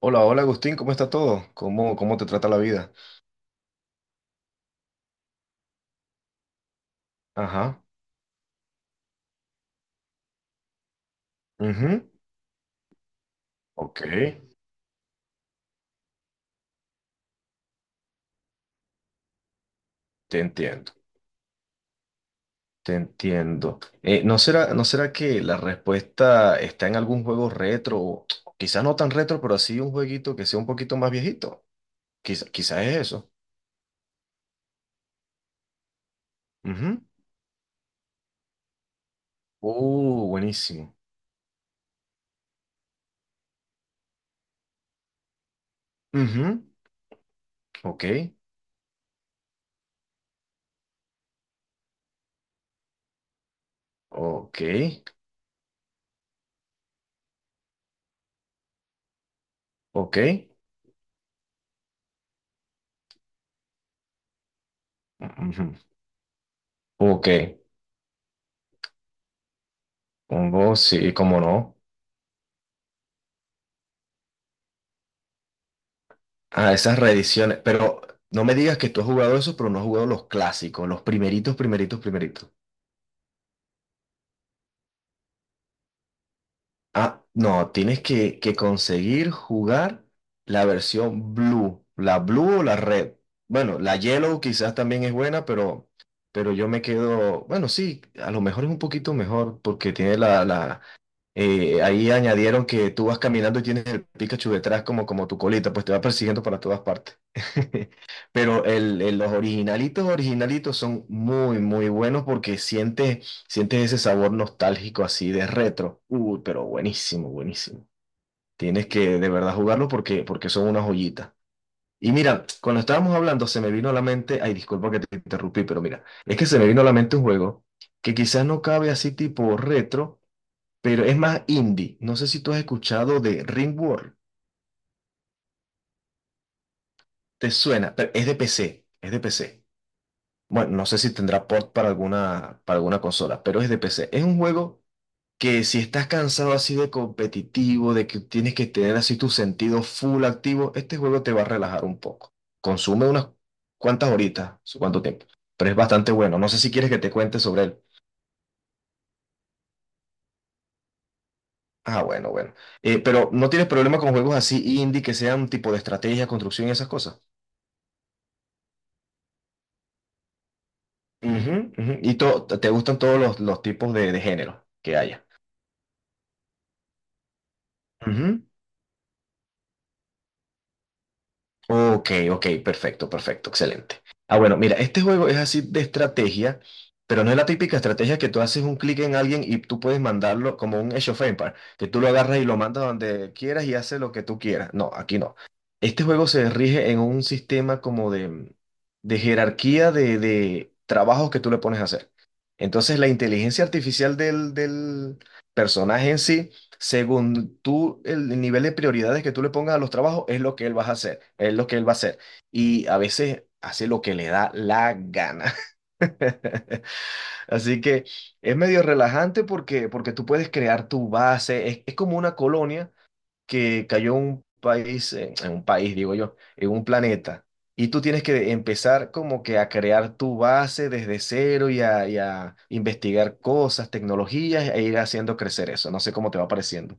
Hola, hola Agustín, ¿cómo está todo? ¿Cómo te trata la vida? Ajá, ujú, ok. Te entiendo, te entiendo. ¿No será que la respuesta está en algún juego retro? O quizás no tan retro, pero así un jueguito que sea un poquito más viejito. Quizás es eso. Ujú. Buenísimo. Ujú, ok, ok, ok, ujú, ok, oh, sí, cómo no. Ah, esas reediciones. Pero no me digas que tú has jugado eso, pero no has jugado los clásicos, los primeritos, primeritos, primeritos. Ah, no, tienes que conseguir jugar la versión blue, la blue o la red. Bueno, la yellow quizás también es buena, pero yo me quedo, bueno, sí, a lo mejor es un poquito mejor porque tiene la, la ahí añadieron que tú vas caminando y tienes el Pikachu detrás como, como tu colita, pues te va persiguiendo para todas partes. Pero los originalitos, originalitos son muy, muy buenos porque sientes, sientes ese sabor nostálgico así de retro. Uy, pero buenísimo, buenísimo. Tienes que de verdad jugarlo porque, porque son una joyita. Y mira, cuando estábamos hablando se me vino a la mente, ay, disculpa que te interrumpí, pero mira, es que se me vino a la mente un juego que quizás no cabe así tipo retro, pero es más indie. No sé si tú has escuchado de Ringworld. ¿Te suena? Pero es de PC, es de PC. Bueno, no sé si tendrá port para alguna consola, pero es de PC. Es un juego que si estás cansado así de competitivo, de que tienes que tener así tu sentido full activo, este juego te va a relajar un poco. Consume unas cuantas horitas, su cuánto tiempo, pero es bastante bueno. No sé si quieres que te cuente sobre él. Ah, bueno, bueno. Pero ¿no tienes problema con juegos así indie que sean tipo de estrategia, construcción y esas cosas? Ujú, ujú. Te gustan todos los tipos de género que haya. Ujú. Ok, ok, perfecto, perfecto, excelente. Ah, bueno, mira, este juego es así de estrategia, pero no es la típica estrategia que tú haces un clic en alguien y tú puedes mandarlo como un Age of Empires, que tú lo agarras y lo mandas donde quieras y hace lo que tú quieras. No, aquí no. Este juego se rige en un sistema como de jerarquía de trabajos que tú le pones a hacer. Entonces, la inteligencia artificial del personaje en sí según tú, el nivel de prioridades que tú le pongas a los trabajos es lo que él va a hacer, es lo que él va a hacer. Y a veces hace lo que le da la gana. Así que es medio relajante porque, porque tú puedes crear tu base. Es como una colonia que cayó en un país, digo yo, en un planeta. Y tú tienes que empezar como que a crear tu base desde cero y a investigar cosas, tecnologías e ir haciendo crecer eso. No sé cómo te va pareciendo.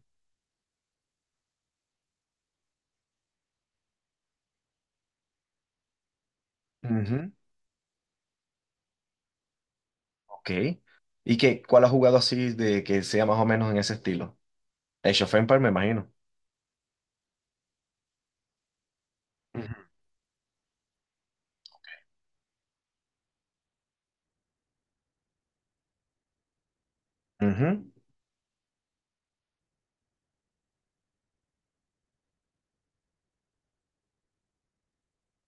Ujú, ok. ¿Y qué? ¿Cuál has jugado así de que sea más o menos en ese estilo? Age of Empires, me imagino. Ujú. Ujú,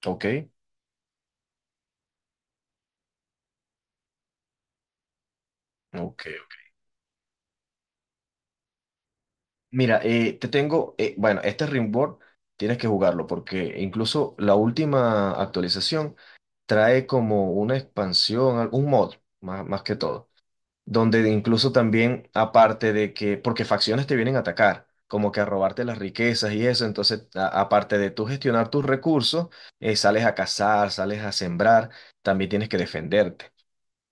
ok, ok. Mira, te tengo, bueno, este Rimworld tienes que jugarlo porque incluso la última actualización trae como una expansión, un mod, más, más que todo, donde incluso también, aparte de que, porque facciones te vienen a atacar, como que a robarte las riquezas y eso, entonces, aparte de tú gestionar tus recursos, sales a cazar, sales a sembrar, también tienes que defenderte.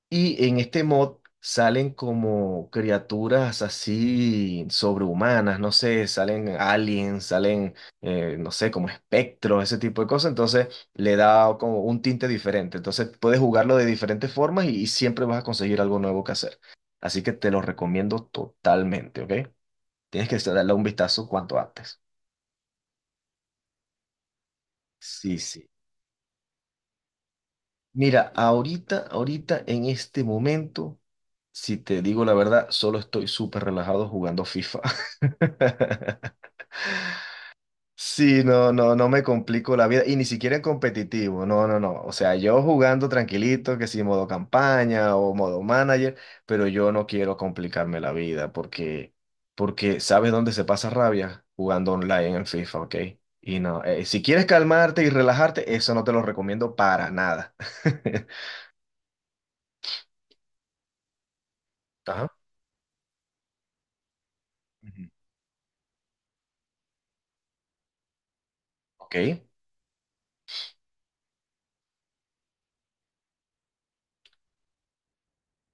Y en este mod salen como criaturas así sobrehumanas, no sé, salen aliens, salen, no sé, como espectros, ese tipo de cosas. Entonces le da como un tinte diferente. Entonces puedes jugarlo de diferentes formas y siempre vas a conseguir algo nuevo que hacer. Así que te lo recomiendo totalmente, ¿ok? Tienes que darle un vistazo cuanto antes. Sí, sí. Mira, ahorita, ahorita, en este momento, si te digo la verdad, solo estoy súper relajado jugando FIFA. Sí, no, no, no me complico la vida y ni siquiera en competitivo, no, no, no. O sea, yo jugando tranquilito, que si modo campaña o modo manager, pero yo no quiero complicarme la vida porque, porque ¿sabes dónde se pasa rabia? Jugando online en FIFA, ¿ok? Y no, si quieres calmarte y relajarte, eso no te lo recomiendo para nada. Ajá. Ok.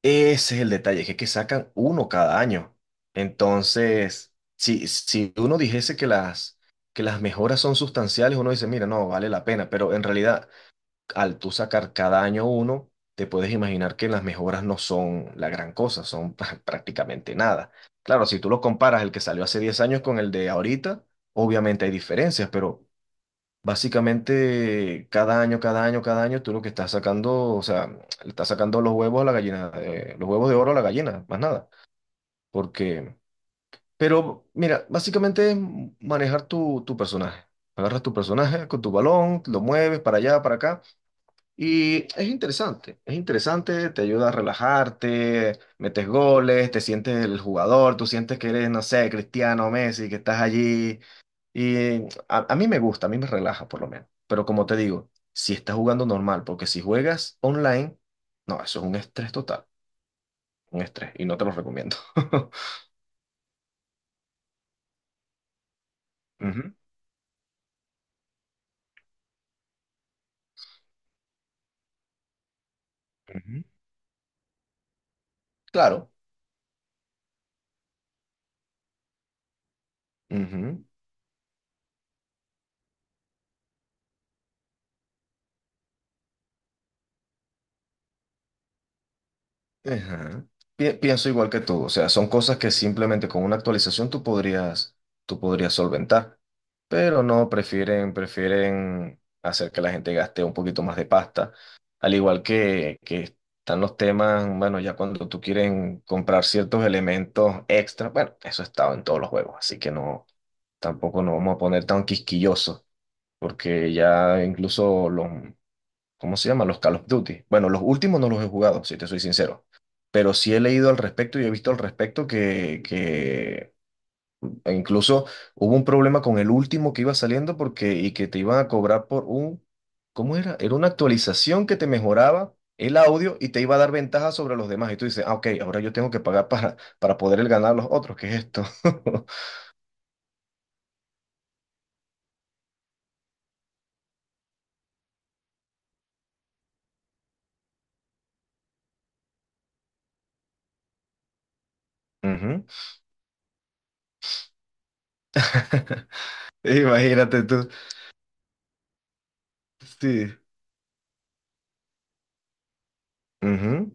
Ese es el detalle, que es que sacan uno cada año. Entonces, si uno dijese que las mejoras son sustanciales, uno dice, mira, no, vale la pena. Pero en realidad, al tú sacar cada año uno, te puedes imaginar que las mejoras no son la gran cosa, son prácticamente nada. Claro, si tú lo comparas el que salió hace 10 años con el de ahorita, obviamente hay diferencias, pero básicamente, cada año, cada año, cada año, tú lo que estás sacando, o sea, le estás sacando los huevos a la gallina, los huevos de oro a la gallina, más nada. Porque, pero mira, básicamente es manejar tu personaje. Agarras tu personaje con tu balón, lo mueves para allá, para acá, y es interesante, te ayuda a relajarte, metes goles, te sientes el jugador, tú sientes que eres, no sé, Cristiano Messi, que estás allí y a mí me gusta, a mí me relaja por lo menos. Pero como te digo, si estás jugando normal, porque si juegas online, no, eso es un estrés total, un estrés, y no te lo recomiendo. Ujú, ujú, claro, ujú. Ajá. Pienso igual que tú, o sea, son cosas que simplemente con una actualización tú podrías solventar, pero no, prefieren, prefieren hacer que la gente gaste un poquito más de pasta, al igual que están los temas, bueno, ya cuando tú quieren comprar ciertos elementos extra, bueno, eso ha estado en todos los juegos, así que no, tampoco nos vamos a poner tan quisquillosos, porque ya incluso los ¿cómo se llama? Los Call of Duty. Bueno, los últimos no los he jugado, si te soy sincero. Pero sí he leído al respecto y he visto al respecto que e incluso hubo un problema con el último que iba saliendo porque y que te iban a cobrar por un, ¿cómo era? Era una actualización que te mejoraba el audio y te iba a dar ventaja sobre los demás. Y tú dices, ah, ok, ahora yo tengo que pagar para poder ganar a los otros. ¿Qué es esto? Ujú. Imagínate tú. Sí. Ujú.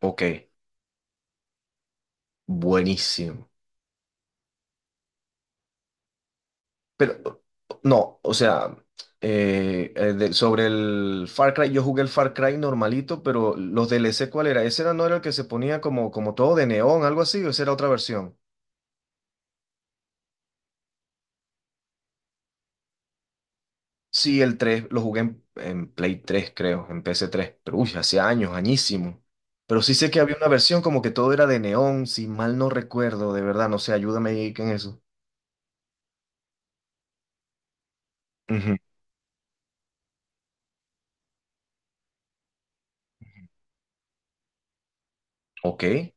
Ok, buenísimo. Pero, no, o sea, sobre el Far Cry, yo jugué el Far Cry normalito, pero los DLC, ¿cuál era? Ese era, no era el que se ponía como, como todo de neón, algo así, o esa era otra versión. Sí, el 3 lo jugué en Play 3 creo, en pc tres pero uy, hace años, añísimo. Pero sí sé que había una versión como que todo era de neón, si mal no recuerdo, de verdad, no sé, ayúdame ahí en eso. Ujú, ok.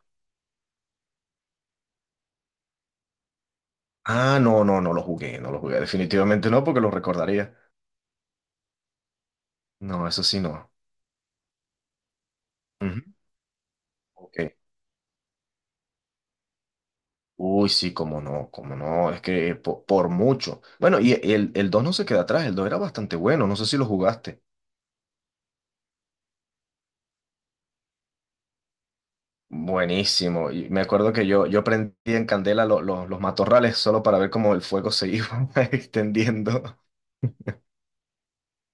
Ah, no, no, no lo jugué, no lo jugué, definitivamente no, porque lo recordaría. No, eso sí no. Ujú. Ok. Uy, sí, cómo no, es que mucho. Bueno, y el 2 no se queda atrás, el 2 era bastante bueno, no sé si lo jugaste. Buenísimo, y me acuerdo que yo prendí en candela los matorrales solo para ver cómo el fuego se iba extendiendo.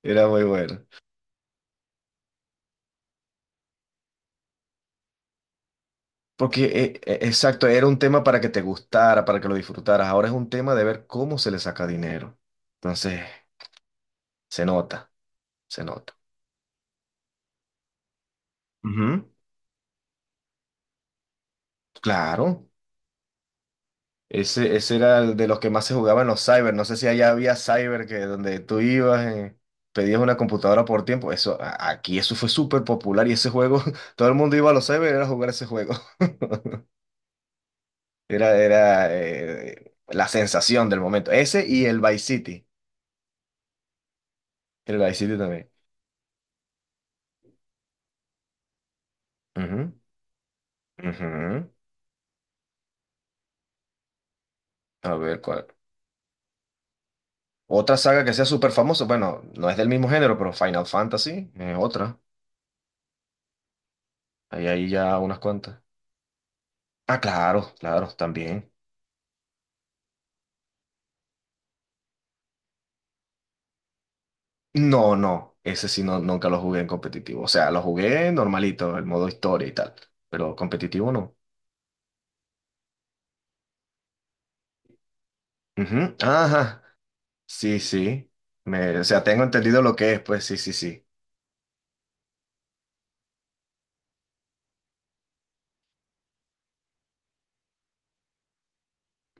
Era muy bueno. Porque, exacto, era un tema para que te gustara, para que lo disfrutaras. Ahora es un tema de ver cómo se le saca dinero. Entonces, se nota, se nota. Ujú, claro. Ese era el de los que más se jugaba en los cyber. No sé si allá había cyber que donde tú ibas, pedías una computadora por tiempo. Eso, aquí eso fue súper popular y ese juego, todo el mundo iba a los cyber era a jugar ese juego. Era, era la sensación del momento. Ese y el Vice City. El Vice City también. Ujú, ujú. A ver, ¿cuál? Otra saga que sea súper famosa. Bueno, no es del mismo género, pero Final Fantasy es otra. Hay ahí ya unas cuantas. Ah, claro, claro, también. No, no, ese sí no, nunca lo jugué en competitivo. O sea, lo jugué normalito, el modo historia y tal, pero competitivo no. Ujú, ajá, sí, sí. Me, o sea, tengo entendido lo que es, pues sí, sí, sí.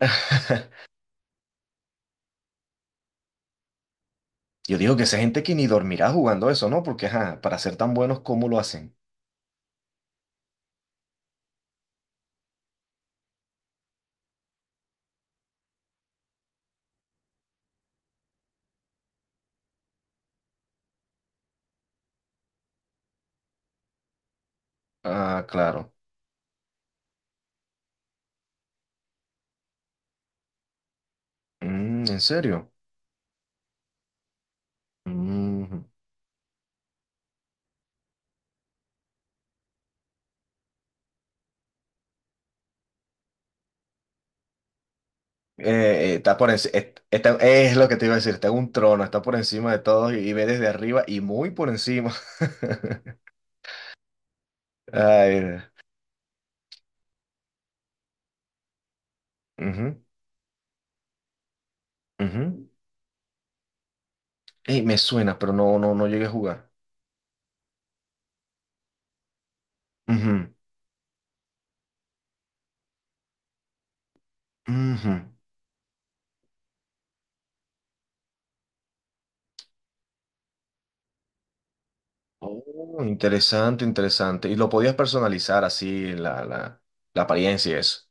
Yo digo que esa gente que ni dormirá jugando eso, ¿no? Porque, ajá, para ser tan buenos, ¿cómo lo hacen? Ah, claro. Mm, ¿en serio? Mm. Está por enci- est- está- es lo que te iba a decir, está en un trono, está por encima de todos y ve desde arriba y muy por encima. Ay, ujú, ujú. Ey, me suena, pero no, no, no llegué a jugar. Ujú, ujú. Oh, interesante, interesante. Y lo podías personalizar así, la apariencia y eso.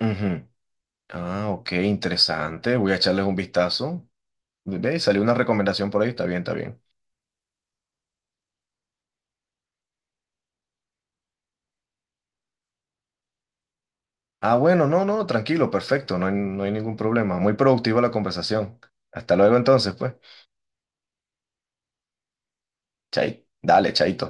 Ujú. Ah, ok, interesante. Voy a echarles un vistazo. Ve, salió una recomendación por ahí, está bien, está bien. Ah, bueno, no, no, tranquilo, perfecto, no hay, no hay ningún problema. Muy productiva la conversación. Hasta luego entonces, pues. Chay, dale, chaito.